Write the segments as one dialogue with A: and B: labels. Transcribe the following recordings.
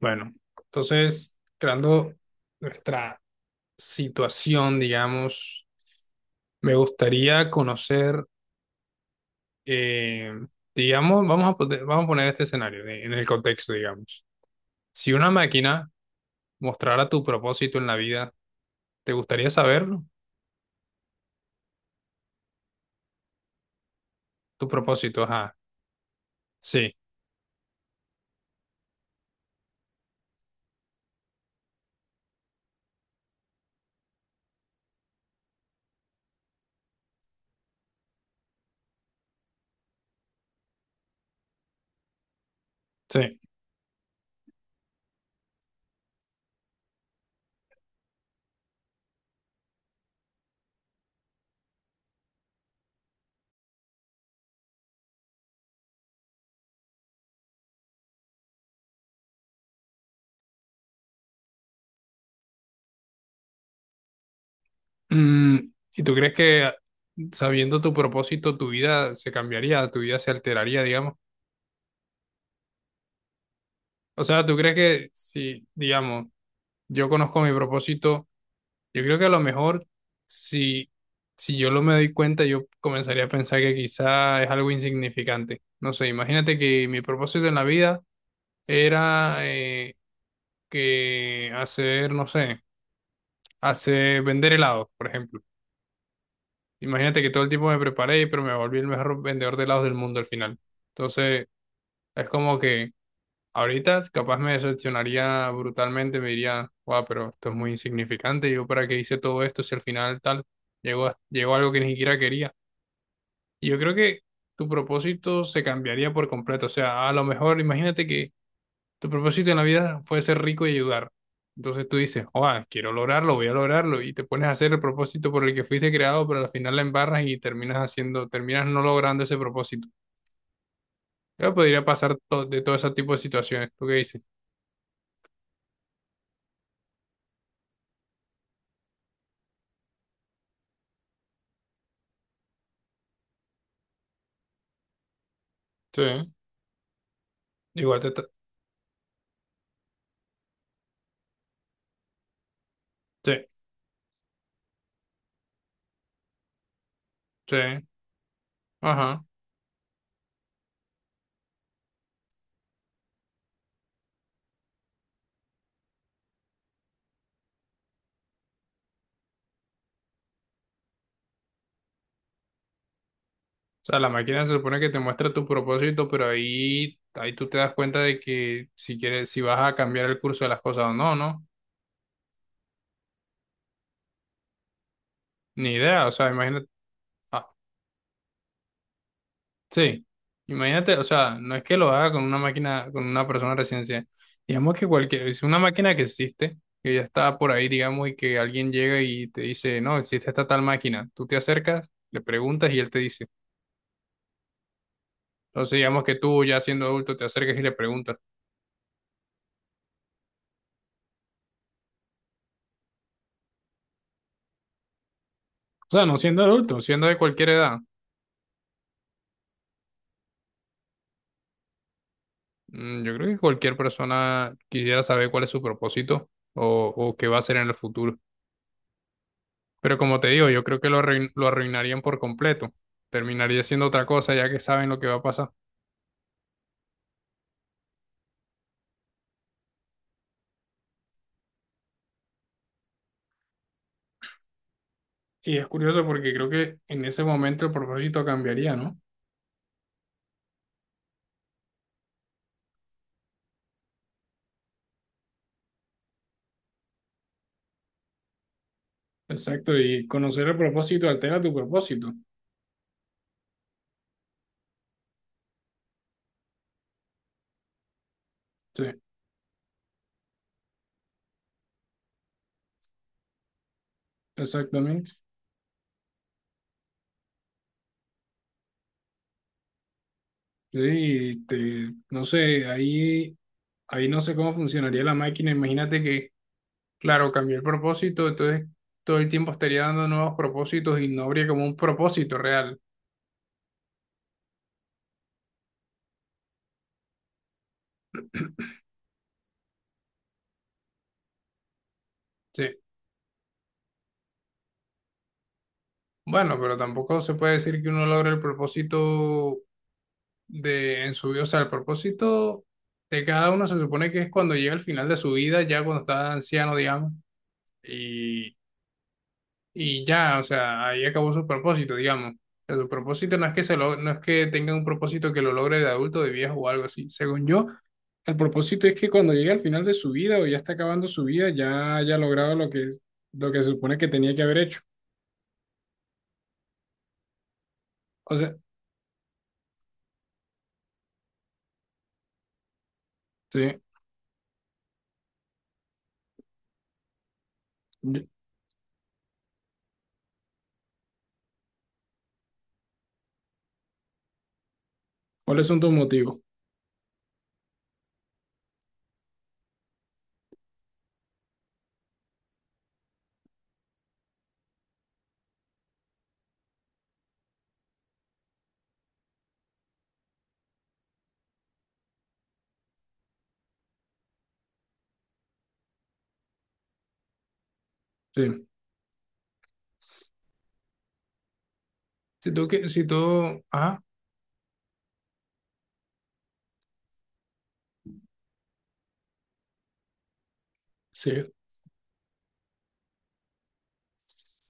A: Bueno, entonces, creando nuestra situación, digamos, me gustaría conocer, eh, digamos, vamos a poner este escenario en el contexto, digamos. Si una máquina mostrara tu propósito en la vida, ¿te gustaría saberlo? Tu propósito, ajá. Sí, sí. Mm, ¿y tú crees que sabiendo tu propósito, tu vida se cambiaría, tu vida se alteraría, digamos? O sea, ¿tú crees que si, digamos, yo conozco mi propósito? Yo creo que a lo mejor si, si yo lo me doy cuenta, yo comenzaría a pensar que quizá es algo insignificante. No sé, imagínate que mi propósito en la vida era que hacer, no sé, hacer vender helados, por ejemplo. Imagínate que todo el tiempo me preparé, pero me volví el mejor vendedor de helados del mundo al final. Entonces, es como que ahorita capaz me decepcionaría brutalmente, me diría, wow, pero esto es muy insignificante, yo para qué hice todo esto si al final tal, llegó, llegó a algo que ni siquiera quería. Y yo creo que tu propósito se cambiaría por completo, o sea, a lo mejor imagínate que tu propósito en la vida fue ser rico y ayudar. Entonces tú dices, wow, quiero lograrlo, voy a lograrlo, y te pones a hacer el propósito por el que fuiste creado, pero al final la embarras y terminas haciendo, terminas no logrando ese propósito. Yo podría pasar de todo ese tipo de situaciones. ¿Tú qué dices? Sí. Igual te, sí, sí, ajá. O sea, la máquina se supone que te muestra tu propósito, pero ahí, ahí tú te das cuenta de que si quieres, si vas a cambiar el curso de las cosas o no, ¿no? Ni idea, o sea, imagínate, ah, sí, imagínate, o sea, no es que lo haga con una máquina, con una persona recién ciega. Digamos que cualquier, es una máquina que existe, que ya está por ahí, digamos, y que alguien llega y te dice, no, existe esta tal máquina. Tú te acercas, le preguntas y él te dice. Entonces, digamos que tú ya siendo adulto te acercas y le preguntas. O sea, no siendo adulto, siendo de cualquier edad. Mm, yo creo que cualquier persona quisiera saber cuál es su propósito o qué va a hacer en el futuro. Pero como te digo, yo creo que lo, lo arruinarían por completo. Terminaría siendo otra cosa ya que saben lo que va a pasar. Y es curioso porque creo que en ese momento el propósito cambiaría, ¿no? Exacto, y conocer el propósito altera tu propósito. Sí, exactamente. Sí, y te- no sé, ahí, ahí no sé cómo funcionaría la máquina. Imagínate que claro, cambió el propósito, entonces todo el tiempo estaría dando nuevos propósitos y no habría como un propósito real. Sí. Bueno, pero tampoco se puede decir que uno logre el propósito de en su vida. O sea, el propósito de cada uno se supone que es cuando llega al final de su vida, ya cuando está anciano, digamos, y, y ya, o sea, ahí acabó su propósito, digamos. O sea, su propósito no es que se lo, no es que tenga un propósito que lo logre de adulto, de viejo o algo así. Según yo, el propósito es que cuando llegue al final de su vida o ya está acabando su vida, ya haya logrado lo que se supone que tenía que haber hecho. O sea, sí. ¿Cuáles son tus motivos? Sí. Si tú, que- si tú, ajá, sí.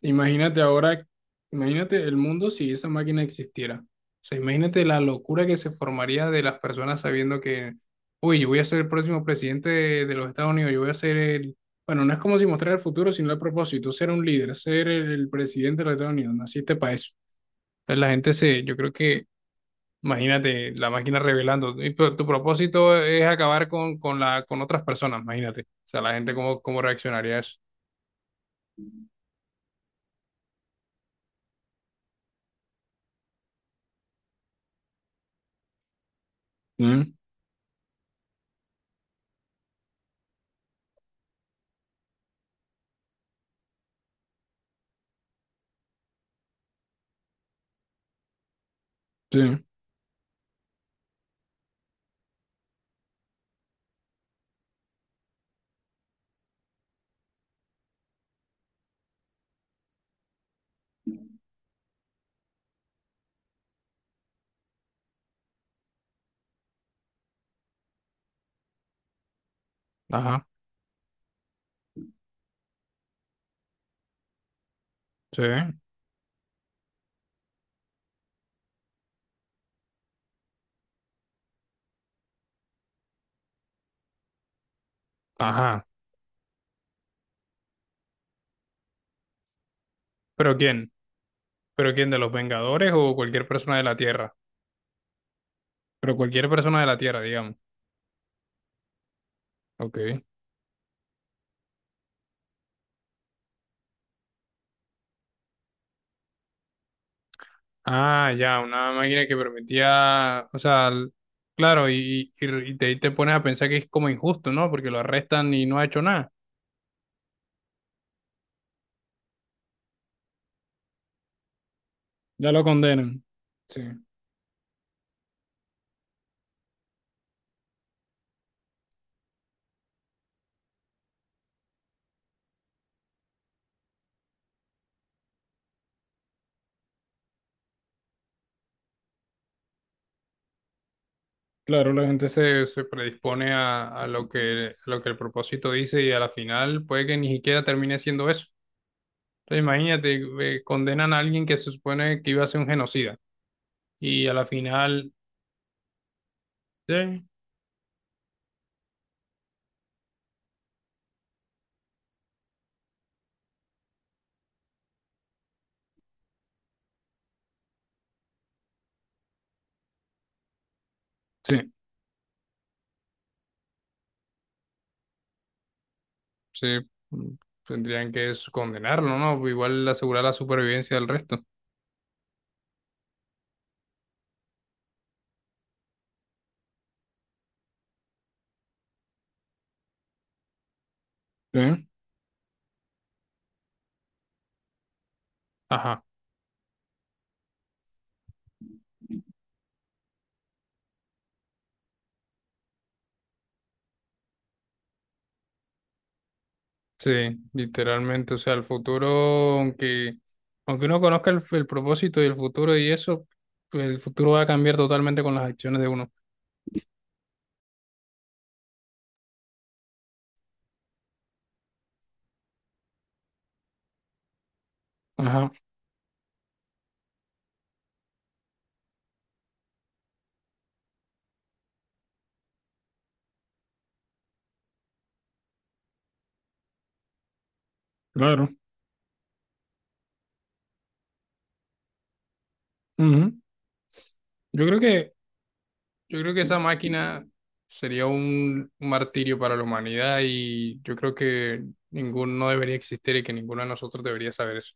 A: Imagínate ahora, imagínate el mundo si esa máquina existiera. O sea, imagínate la locura que se formaría de las personas sabiendo que, uy, yo voy a ser el próximo presidente de los Estados Unidos, yo voy a ser el... Bueno, no es como si mostrar el futuro, sino el propósito, ser un líder, ser el presidente de los Estados Unidos, naciste para eso. Entonces, la gente se, yo creo que, imagínate, la máquina revelando, y tu propósito es acabar con, la, con otras personas, imagínate. O sea, la gente cómo, cómo reaccionaría a eso. Mm, sí. Ajá, sí, ajá. ¿Pero quién? ¿Pero quién? ¿De los Vengadores o cualquier persona de la Tierra? Pero cualquier persona de la Tierra, digamos. Ok. Ah, ya, una máquina que permitía, o sea, l- claro, y te pones a pensar que es como injusto, ¿no? Porque lo arrestan y no ha hecho nada. Ya lo condenan. Sí. Claro, la gente se, se predispone a lo que el propósito dice y a la final puede que ni siquiera termine siendo eso. Entonces imagínate, condenan a alguien que se supone que iba a ser un genocida y a la final, eh, sí, sí, mm, tendrían que condenarlo, ¿no? Igual asegurar la supervivencia del resto. Sí. Ajá, sí, literalmente, o sea, el futuro, aunque, aunque uno conozca el propósito y el futuro y eso, pues el futuro va a cambiar totalmente con las acciones de uno. Ajá. Claro. Ujú. Yo creo que, yo creo que esa máquina sería un martirio para la humanidad y yo creo que ninguno debería existir y que ninguno de nosotros debería saber eso.